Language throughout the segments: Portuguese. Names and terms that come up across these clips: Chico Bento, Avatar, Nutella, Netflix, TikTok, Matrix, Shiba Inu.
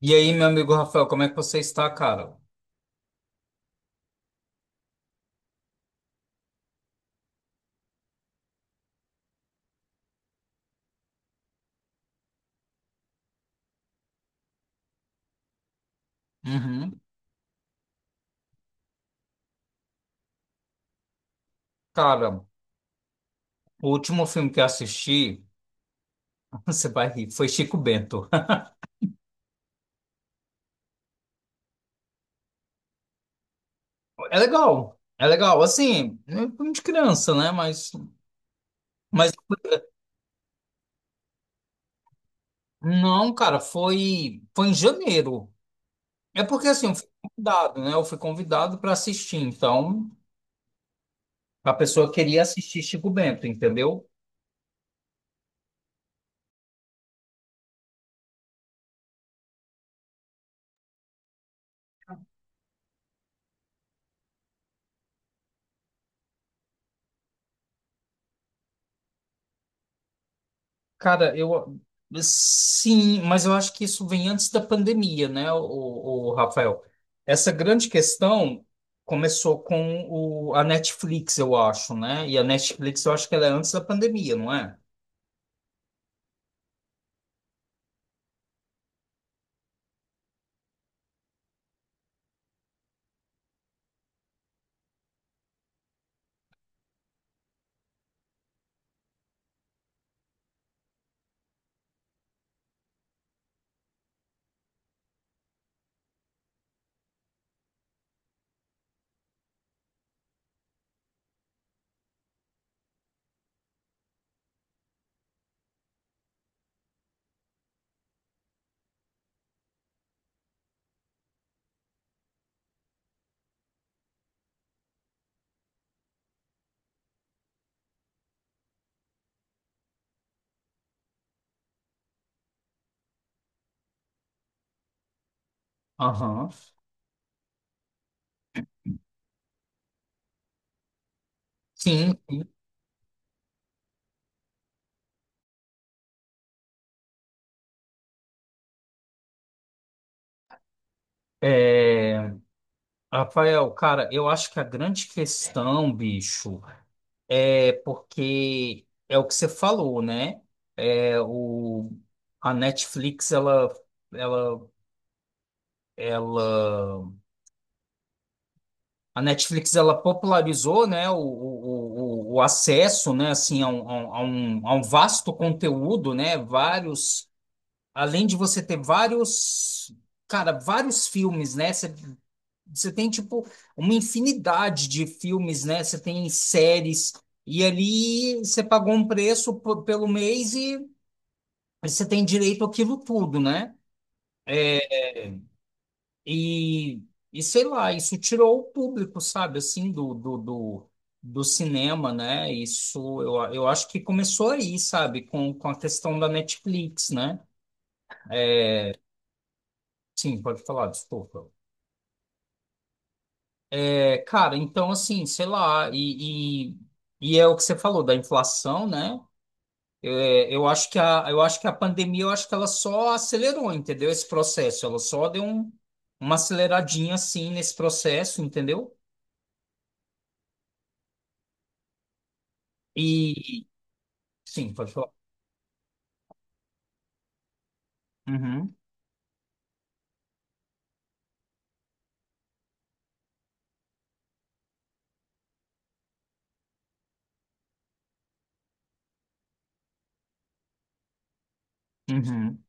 E aí, meu amigo Rafael, como é que você está, cara? Uhum. Cara, o último filme que eu assisti, você vai rir, foi Chico Bento. É legal, assim, é um filme de criança, né? Mas não, cara, foi em janeiro. É porque, assim, eu fui convidado, né? Eu fui convidado para assistir, então a pessoa queria assistir Chico Bento, entendeu? Cara, eu sim, mas eu acho que isso vem antes da pandemia, né, o Rafael? Essa grande questão começou com a Netflix, eu acho, né? E a Netflix, eu acho que ela é antes da pandemia, não é? Aham. Sim. É, Rafael, cara, eu acho que a grande questão, bicho, é porque é o que você falou, né? É a Netflix, ela, ela A Netflix ela popularizou, né, o o acesso, né, assim, a um a um vasto conteúdo, né, vários, além de você ter vários, cara, vários filmes, né, você tem, tipo, uma infinidade de filmes, né, você tem séries, e ali você pagou um preço pelo mês e você tem direito àquilo tudo, né? E, e sei lá, isso tirou o público, sabe, assim, do cinema, né? Isso, eu acho que começou aí, sabe, com a questão da Netflix, né? Sim, pode falar, desculpa. É, cara, então, assim, sei lá, e é o que você falou da inflação, né? É, eu acho que a pandemia, eu acho que ela só acelerou, entendeu? Esse processo, ela só deu um, uma aceleradinha, assim, nesse processo, entendeu? E, sim, pode falar. Uhum. Uhum.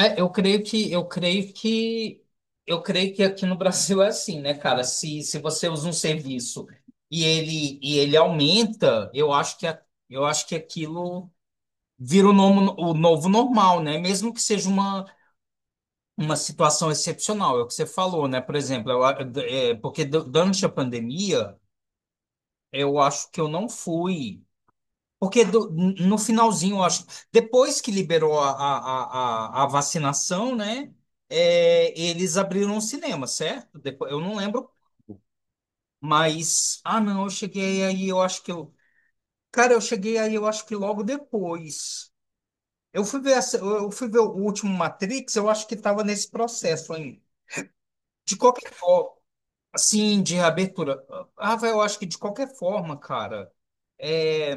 É, eu creio que aqui no Brasil é assim, né, cara? Se você usa um serviço e ele aumenta, eu acho que aquilo vira o novo normal, né? Mesmo que seja uma situação excepcional, é o que você falou, né? Por exemplo, é, porque durante a pandemia, eu acho que eu não fui. Porque no finalzinho, eu acho, depois que liberou a vacinação, né? É, eles abriram o cinema, certo? Depois, eu não lembro, mas. Ah, não, eu cheguei aí, eu acho que eu. Cara, eu cheguei aí, eu acho que logo depois. Eu fui ver, eu fui ver o último Matrix, eu acho que estava nesse processo ainda. De qualquer forma, assim, de reabertura. Ah, vai, eu acho que de qualquer forma, cara, é,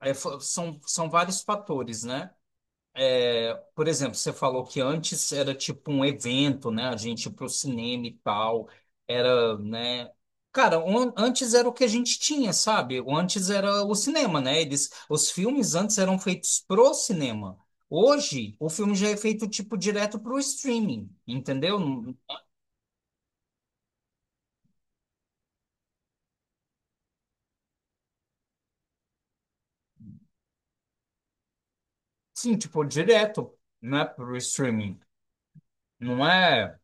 são, são vários fatores, né? Por exemplo, você falou que antes era tipo um evento, né? A gente ia pro cinema e tal. Era, né? Cara, antes era o que a gente tinha, sabe? O antes era o cinema, né? Eles, os filmes antes eram feitos pro cinema. Hoje, o filme já é feito tipo direto pro streaming, entendeu? Sim, tipo direto, né? Pro streaming. Não é?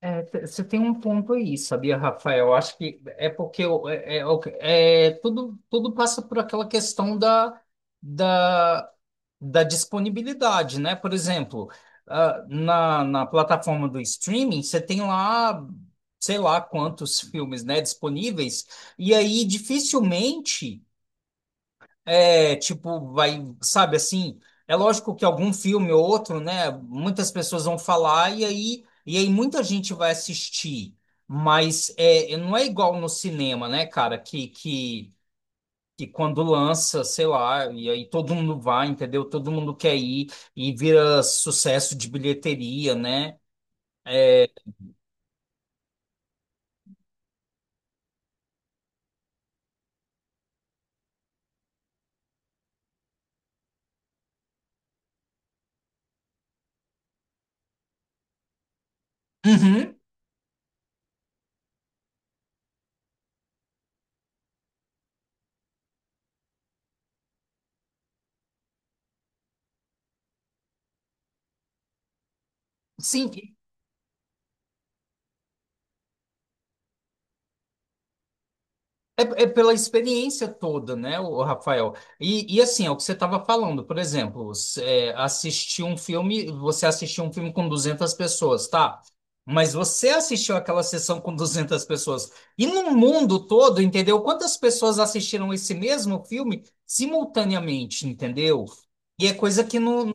É, você tem um ponto aí, sabia, Rafael? Eu acho que é porque é, tudo passa por aquela questão da da disponibilidade, né? Por exemplo, ah, na plataforma do streaming, você tem lá, sei lá quantos filmes, né, disponíveis, e aí dificilmente. É, tipo, vai, sabe assim, é lógico que algum filme ou outro, né, muitas pessoas vão falar e aí muita gente vai assistir, mas é, não é igual no cinema, né, cara, que quando lança, sei lá, e aí todo mundo vai, entendeu? Todo mundo quer ir e vira sucesso de bilheteria, né? Uhum. Sim, É, é pela experiência toda, né, o Rafael? E assim, é o que você estava falando, por exemplo, é, assistir um filme, você assistiu um filme com duzentas pessoas, tá? Mas você assistiu aquela sessão com 200 pessoas. E no mundo todo, entendeu? Quantas pessoas assistiram esse mesmo filme simultaneamente, entendeu? E é coisa que não,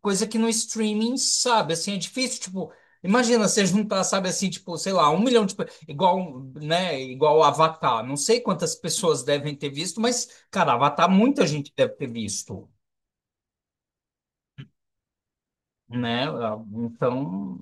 coisa que no streaming, sabe, assim, é difícil, tipo, imagina você juntar, sabe, assim, tipo, sei lá, um milhão de, igual, né, igual Avatar, não sei quantas pessoas devem ter visto, mas, cara, Avatar muita gente deve ter visto, né, ah, então...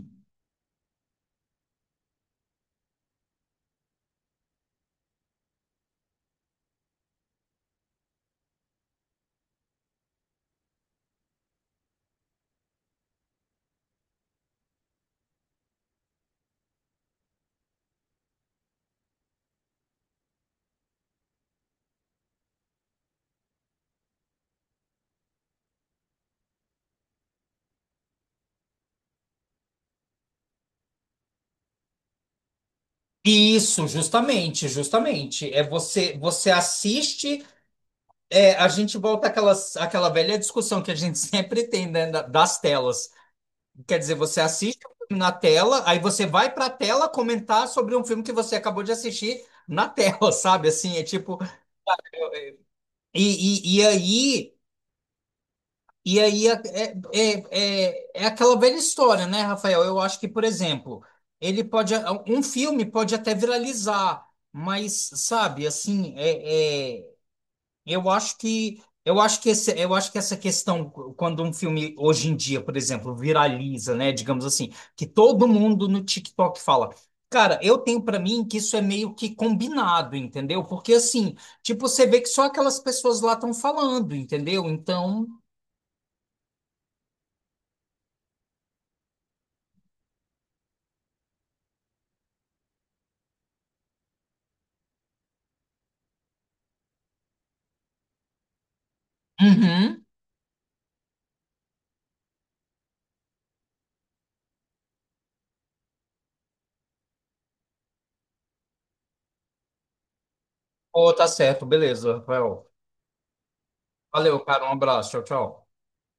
Isso, justamente, justamente. É você, você assiste, é, a gente volta àquela, àquela velha discussão que a gente sempre tem, né, das telas. Quer dizer, você assiste o filme na tela, aí você vai pra tela comentar sobre um filme que você acabou de assistir na tela, sabe? Assim, é tipo. E aí. E aí é aquela velha história, né, Rafael? Eu acho que, por exemplo, ele pode. Um filme pode até viralizar, mas, sabe, assim, eu acho que essa questão quando um filme hoje em dia, por exemplo, viraliza, né, digamos assim, que todo mundo no TikTok fala. Cara, eu tenho pra mim que isso é meio que combinado, entendeu? Porque assim, tipo, você vê que só aquelas pessoas lá estão falando, entendeu? Então, uhum. Pô, tá certo, beleza, Rafael. Valeu, cara, um abraço, tchau, tchau.